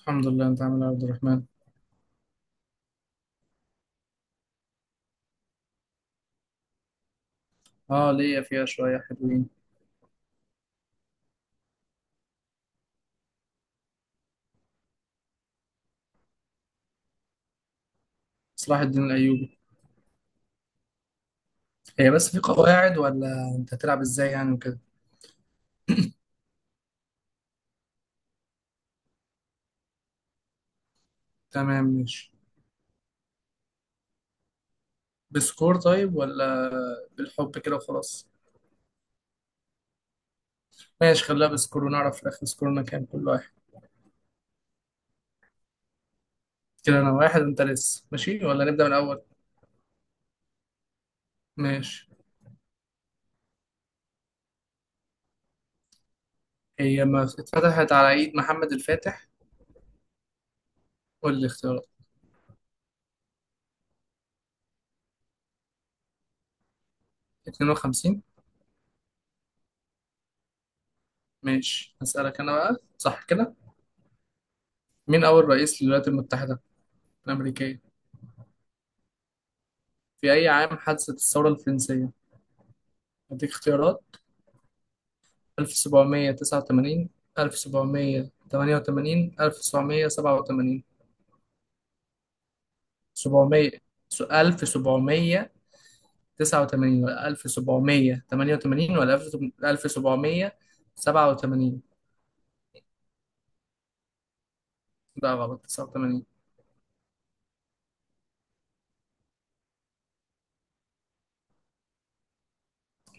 الحمد لله، انت عامل إيه يا عبد الرحمن؟ اه، ليا فيها شويه حلوين. صلاح الدين الايوبي. هي بس في قواعد ولا انت هتلعب ازاي يعني وكده؟ تمام ماشي. بسكور طيب ولا بالحب كده وخلاص؟ ماشي، خليها بسكور ونعرف في الاخر سكورنا كام كل واحد. كده انا واحد، انت لسه ماشي ولا نبدا من الاول؟ ماشي. هي ما اتفتحت على عيد محمد الفاتح. والاختيارات؟ 52. ماشي، هسألك انا بقى صح كده. مين اول رئيس للولايات المتحده الامريكيه؟ في اي عام حدثت الثوره الفرنسيه؟ أديك اختيارات. 1789، 1788، 1787. 700. 1789 ولا 1788 ولا 1787؟ لا غلط، 89.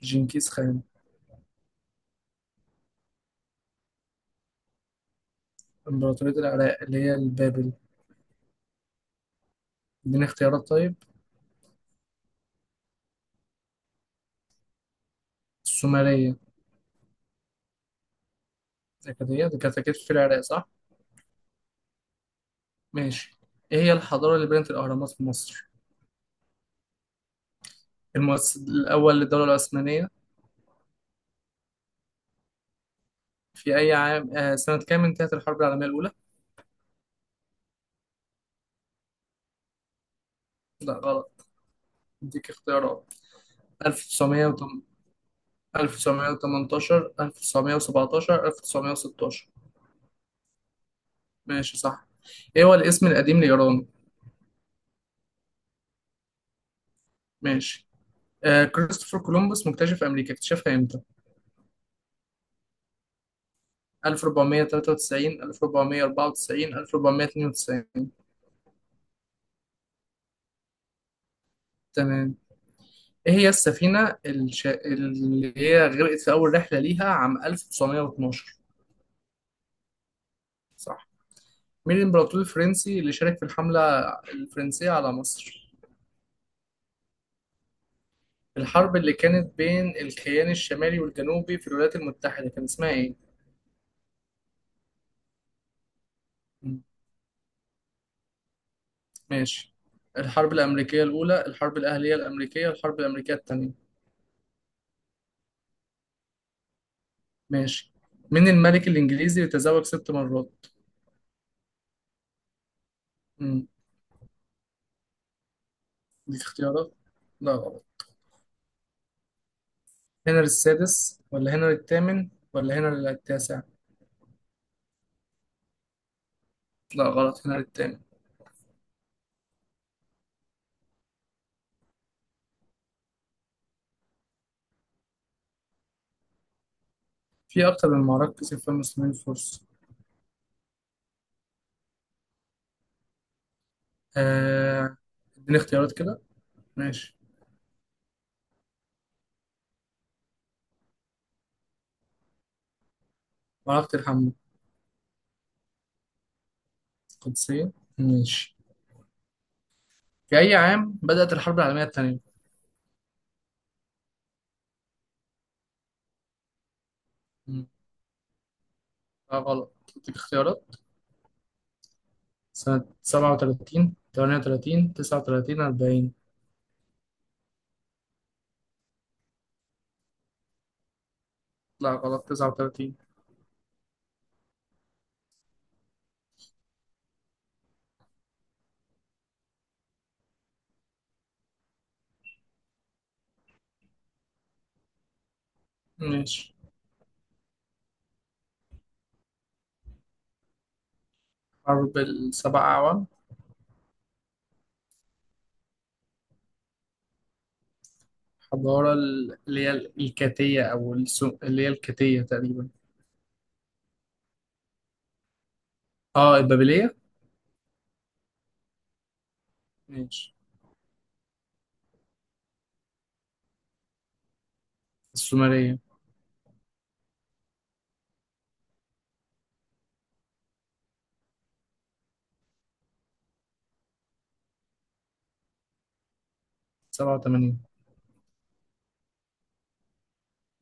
جنكيز خان. إمبراطورية العراق اللي هي البابل. اديني اختيارات طيب. السومرية. الأكادية دي كانت أكيد في العراق صح؟ ماشي. إيه هي الحضارة اللي بنت الأهرامات في مصر؟ المؤسس الأول للدولة العثمانية. في أي عام، سنة كام انتهت الحرب العالمية الأولى؟ لا غلط، أديك اختيارات. 1908، 1918، 1917، 1916. ماشي صح. إيه هو الاسم القديم لإيران؟ ماشي. كريستوفر كولومبوس مكتشف أمريكا اكتشفها إمتى؟ 1493، 1494، 1492. تمام. إيه هي السفينة اللي هي غرقت في أول رحلة ليها عام 1912. مين الإمبراطور الفرنسي اللي شارك في الحملة الفرنسية على مصر؟ الحرب اللي كانت بين الكيان الشمالي والجنوبي في الولايات المتحدة كان اسمها إيه؟ مم. ماشي. الحرب الأمريكية الأولى، الحرب الأهلية الأمريكية، الحرب الأمريكية التانية. ماشي. مين الملك الإنجليزي اللي تزوج ست مرات؟ مم. دي اختيارات؟ لا غلط. هنري السادس ولا هنري الثامن ولا هنري التاسع؟ لا غلط، هنري الثامن. في أكتر من معركة كسب فيها المسلمين الفرس. آه، اديني اختيارات كده. ماشي. معركة الحملة. القدسية. ماشي. في أي عام بدأت الحرب العالمية الثانية؟ مم. لا غلط، أديك اختيارات. سنة 37، 38، 39، 40. لا غلط، 39. ماشي. حرب السبع أعوام. حضارة اللي هي الكاتية أو اللي هي الكاتية تقريبا. اه، البابلية. ماشي. السومرية. 87.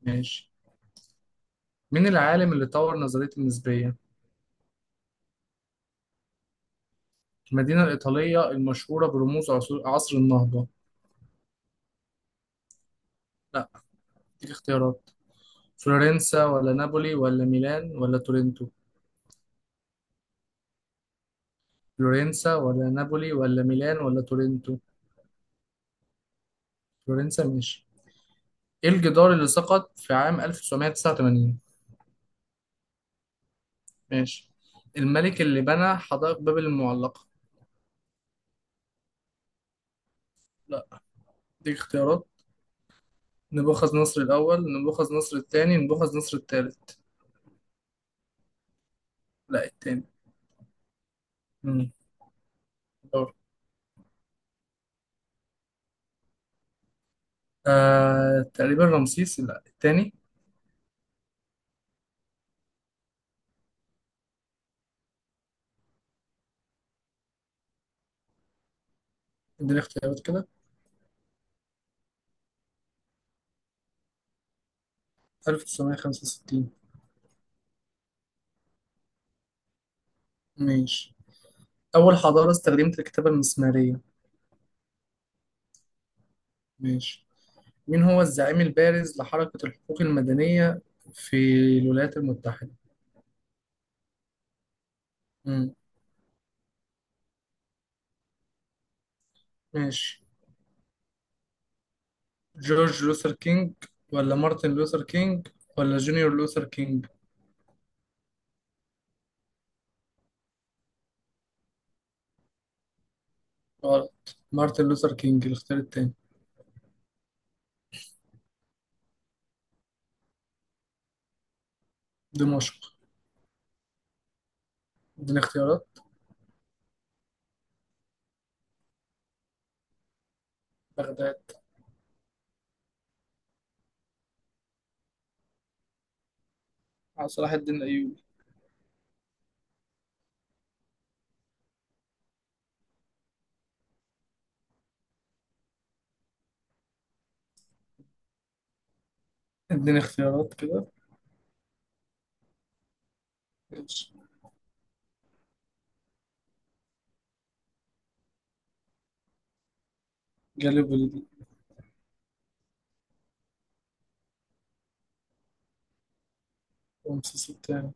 ماشي. مين العالم اللي طور نظرية النسبية؟ المدينة الإيطالية المشهورة برموز عصر النهضة. لا، اديك اختيارات. فلورنسا ولا نابولي ولا ميلان ولا تورنتو. فلورنسا ولا نابولي ولا ميلان ولا تورنتو. فلورنسا ماشي. ايه الجدار اللي سقط في عام 1989؟ ماشي. الملك اللي بنى حدائق بابل المعلقة. لا. دي اختيارات. نبوخذ نصر الأول، نبوخذ نصر الثاني، نبوخذ نصر الثالث. لا، الثاني. امم دور. تقريبا رمسيس، لا الثاني. اديني اختيارات كده. 1965. ماشي. أول حضارة استخدمت الكتابة المسمارية. ماشي. مين هو الزعيم البارز لحركة الحقوق المدنية في الولايات المتحدة؟ مم. ماشي. جورج لوثر كينج ولا مارتن لوثر كينج ولا جونيور لوثر كينج؟ غلط، مارتن لوثر كينج، الاختيار التاني. دمشق. اديني اختيارات. بغداد. على صلاح الدين الأيوبي. اديني اختيارات كده. ماشي. جاليبولي. رمسيس التاني.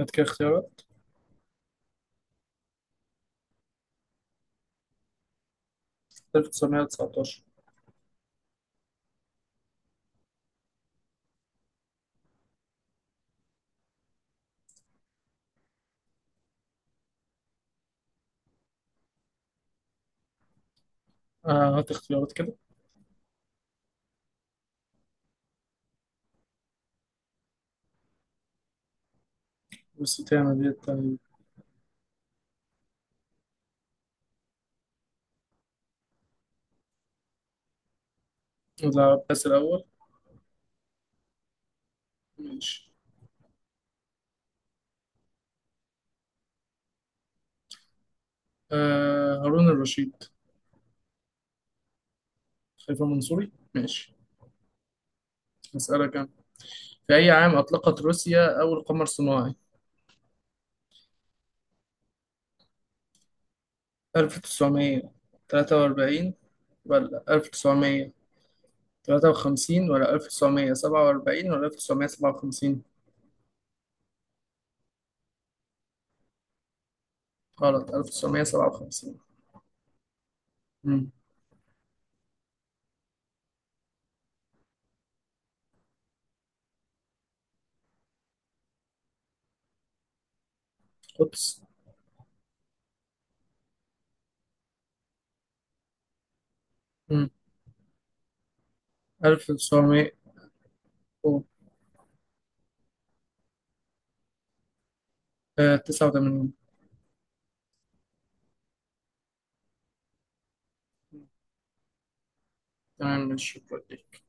هات كده اختيارات. 1919. هات اختيارات كده. والستانة دي التانية. وده عباس الأول. ماشي. آه، هارون الرشيد. خليفة منصوري ماشي. هسألك أنا. في أي عام أطلقت روسيا أول قمر صناعي؟ 1943 ولا 1953 ولا 1947 ولا 1957؟ غلط، 1957. امم. أوبس. امم 1989. تمام ماشي، شكرا ليك.